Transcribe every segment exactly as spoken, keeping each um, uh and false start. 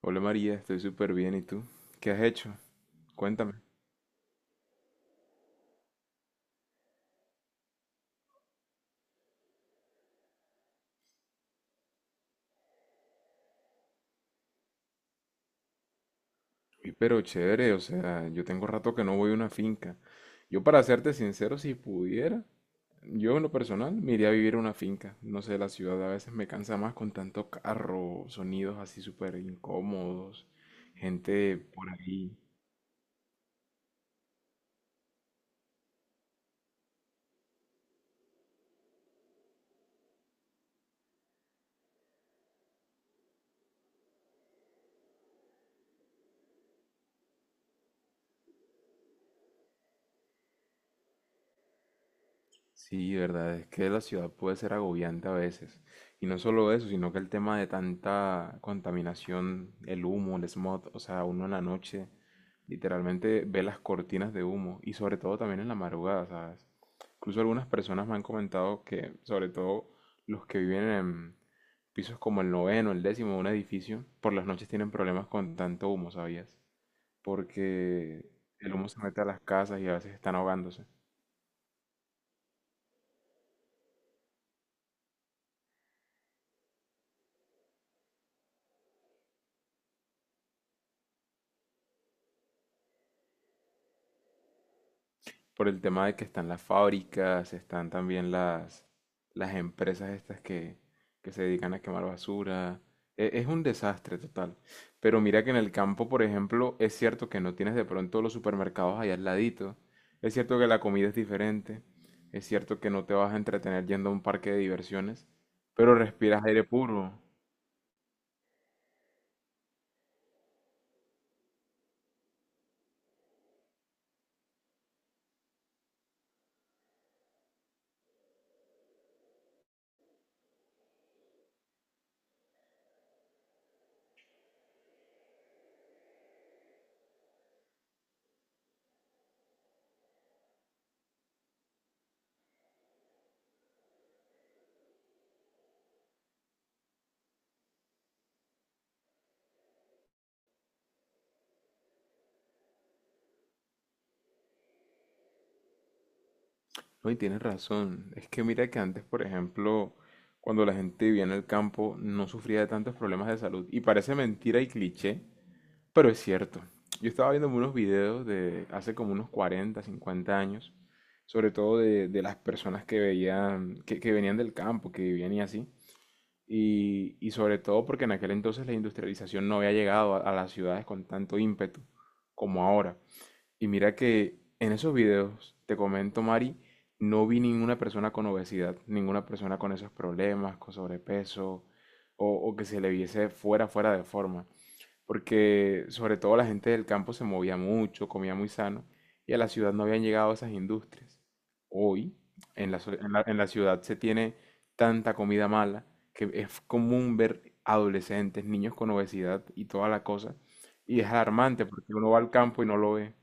Hola María, estoy súper bien. ¿Y tú? ¿Qué has hecho? Cuéntame. Uy, pero chévere, o sea, yo tengo rato que no voy a una finca. Yo, para serte sincero, si pudiera, yo en lo personal me iría a vivir a una finca. No sé, la ciudad a veces me cansa más con tanto carro, sonidos así súper incómodos, gente por ahí. Sí, verdad, es que la ciudad puede ser agobiante a veces. Y no solo eso, sino que el tema de tanta contaminación, el humo, el smog, o sea, uno en la noche literalmente ve las cortinas de humo y sobre todo también en la madrugada, ¿sabes? Incluso algunas personas me han comentado que, sobre todo los que viven en pisos como el noveno, el décimo de un edificio, por las noches tienen problemas con tanto humo, ¿sabías? Porque el humo se mete a las casas y a veces están ahogándose. Por el tema de que están las fábricas, están también las, las empresas estas que, que se dedican a quemar basura. E- Es, un desastre total. Pero mira que en el campo, por ejemplo, es cierto que no tienes de pronto los supermercados allá al ladito. Es cierto que la comida es diferente. Es cierto que no te vas a entretener yendo a un parque de diversiones. Pero respiras aire puro. No, y tienes razón. Es que mira que antes, por ejemplo, cuando la gente vivía en el campo, no sufría de tantos problemas de salud. Y parece mentira y cliché, pero es cierto. Yo estaba viendo unos videos de hace como unos cuarenta cincuenta años, sobre todo de, de las personas que veían, que, que venían del campo, que vivían y así. Y, y sobre todo porque en aquel entonces la industrialización no había llegado a a las ciudades con tanto ímpetu como ahora. Y mira que en esos videos, te comento, Mari, no vi ninguna persona con obesidad, ninguna persona con esos problemas, con sobrepeso, o, o que se le viese fuera, fuera de forma. Porque sobre todo la gente del campo se movía mucho, comía muy sano, y a la ciudad no habían llegado esas industrias. Hoy, en la, so- en la- en la ciudad se tiene tanta comida mala que es común ver adolescentes, niños con obesidad y toda la cosa. Y es alarmante porque uno va al campo y no lo ve.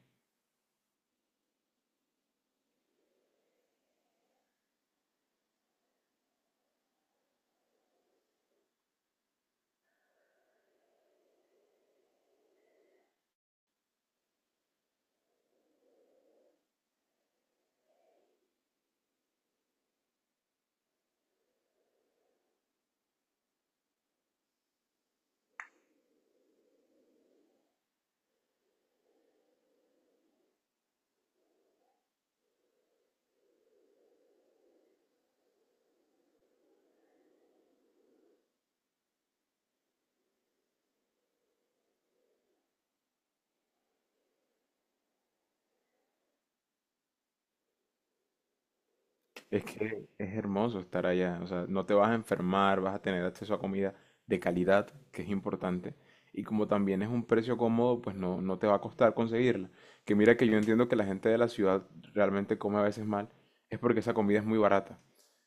Es que es hermoso estar allá, o sea, no te vas a enfermar, vas a tener acceso a comida de calidad, que es importante, y como también es un precio cómodo, pues no, no te va a costar conseguirla. Que mira que yo entiendo que la gente de la ciudad realmente come a veces mal, es porque esa comida es muy barata.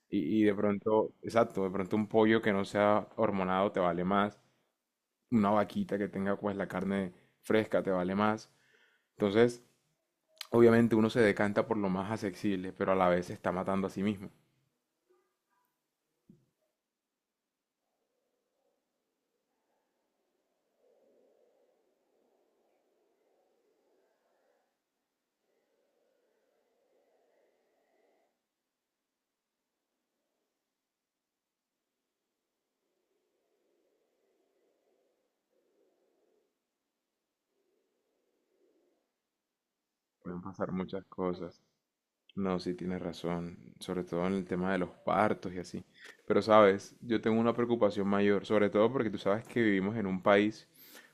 Y, y de pronto, exacto, de pronto un pollo que no sea hormonado te vale más, una vaquita que tenga pues la carne fresca te vale más. Entonces, obviamente uno se decanta por lo más accesible, pero a la vez se está matando a sí mismo. Pueden pasar muchas cosas. No, sí tienes razón, sobre todo en el tema de los partos y así. Pero sabes, yo tengo una preocupación mayor, sobre todo porque tú sabes que vivimos en un país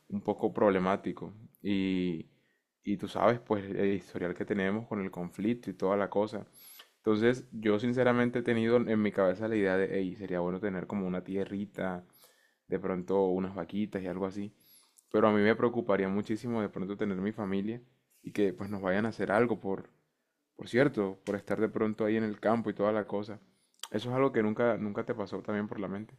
un poco problemático y, y tú sabes pues el historial que tenemos con el conflicto y toda la cosa. Entonces, yo sinceramente he tenido en mi cabeza la idea de, hey, sería bueno tener como una tierrita, de pronto unas vaquitas y algo así. Pero a mí me preocuparía muchísimo de pronto tener mi familia y que pues nos vayan a hacer algo por, por cierto, por estar de pronto ahí en el campo y toda la cosa. Eso es algo que nunca, nunca te pasó también por la mente.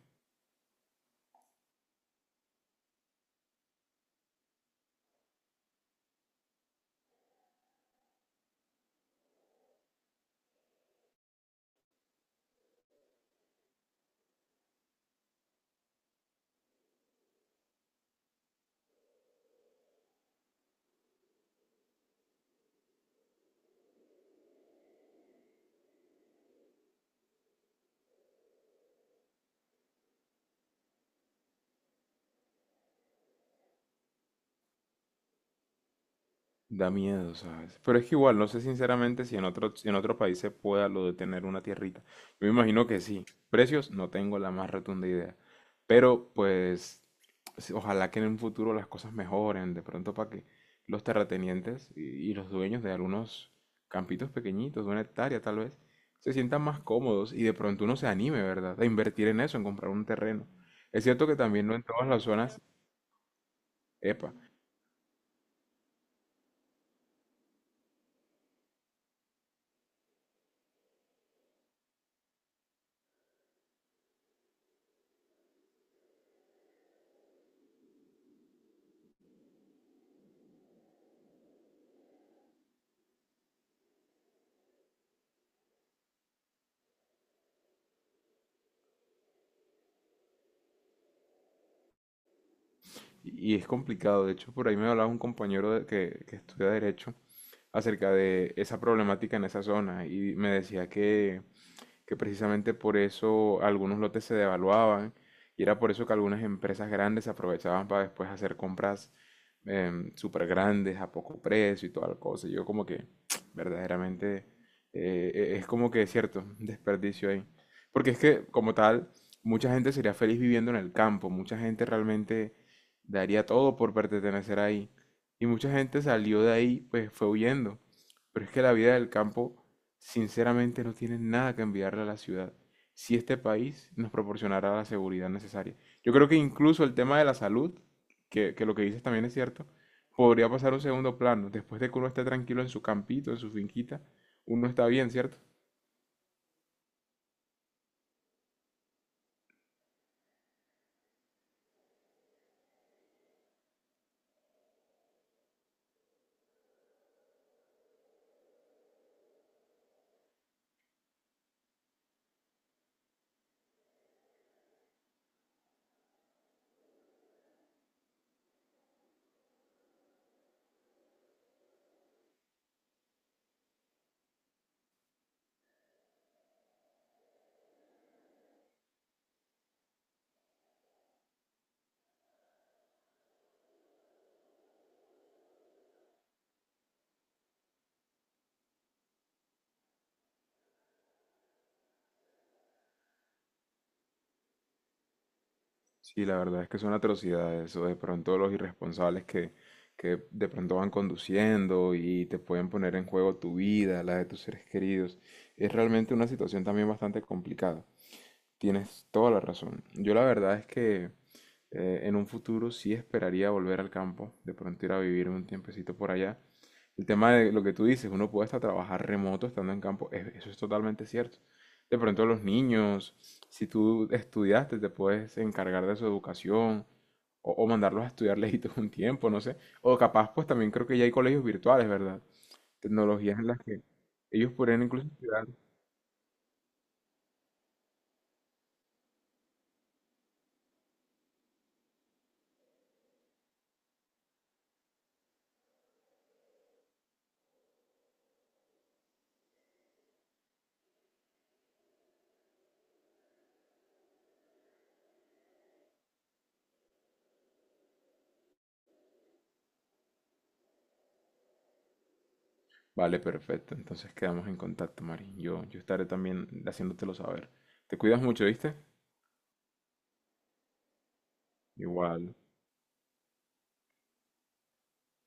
Da miedo, ¿sabes? Pero es que igual, no sé sinceramente si en otro, si en otro país se pueda lo de tener una tierrita. Yo me imagino que sí. Precios, no tengo la más rotunda idea. Pero pues, sí, ojalá que en un futuro las cosas mejoren, de pronto para que los terratenientes y, y los dueños de algunos campitos pequeñitos, de una hectárea tal vez, se sientan más cómodos y de pronto uno se anime, ¿verdad? A invertir en eso, en comprar un terreno. Es cierto que también no en todas las zonas, epa. Y es complicado, de hecho, por ahí me hablaba un compañero de- que, que estudia Derecho acerca de esa problemática en esa zona y me decía que que precisamente por eso algunos lotes se devaluaban y era por eso que algunas empresas grandes se aprovechaban para después hacer compras em, súper grandes a poco precio y toda la cosa. Yo como que verdaderamente eh, eh, es como que es cierto, un desperdicio ahí. Porque es que como tal, mucha gente sería feliz viviendo en el campo, mucha gente realmente daría todo por pertenecer ahí. Y mucha gente salió de ahí, pues fue huyendo. Pero es que la vida del campo sinceramente no tienen nada que enviarle a la ciudad, si este país nos proporcionara la seguridad necesaria. Yo creo que incluso el tema de la salud, que, que lo que dices también es cierto, podría pasar a un segundo plano. Después de que uno esté tranquilo en su campito, en su finquita, uno está bien, ¿cierto? Sí, la verdad es que son atrocidades o de pronto los irresponsables que, que de pronto van conduciendo y te pueden poner en juego tu vida, la de tus seres queridos. Es realmente una situación también bastante complicada. Tienes toda la razón. Yo la verdad es que eh, en un futuro sí esperaría volver al campo, de pronto ir a vivir un tiempecito por allá. El tema de lo que tú dices, uno puede hasta trabajar remoto estando en campo, es- eso es totalmente cierto. De pronto los niños, si tú estudiaste, te puedes encargar de su educación o, o mandarlos a estudiar lejitos un tiempo, no sé. O capaz, pues también creo que ya hay colegios virtuales, ¿verdad? Tecnologías en las que ellos podrían incluso estudiar. Vale, perfecto. Entonces quedamos en contacto, Mari. Yo, yo estaré también haciéndotelo saber. Te cuidas mucho, ¿viste? Igual.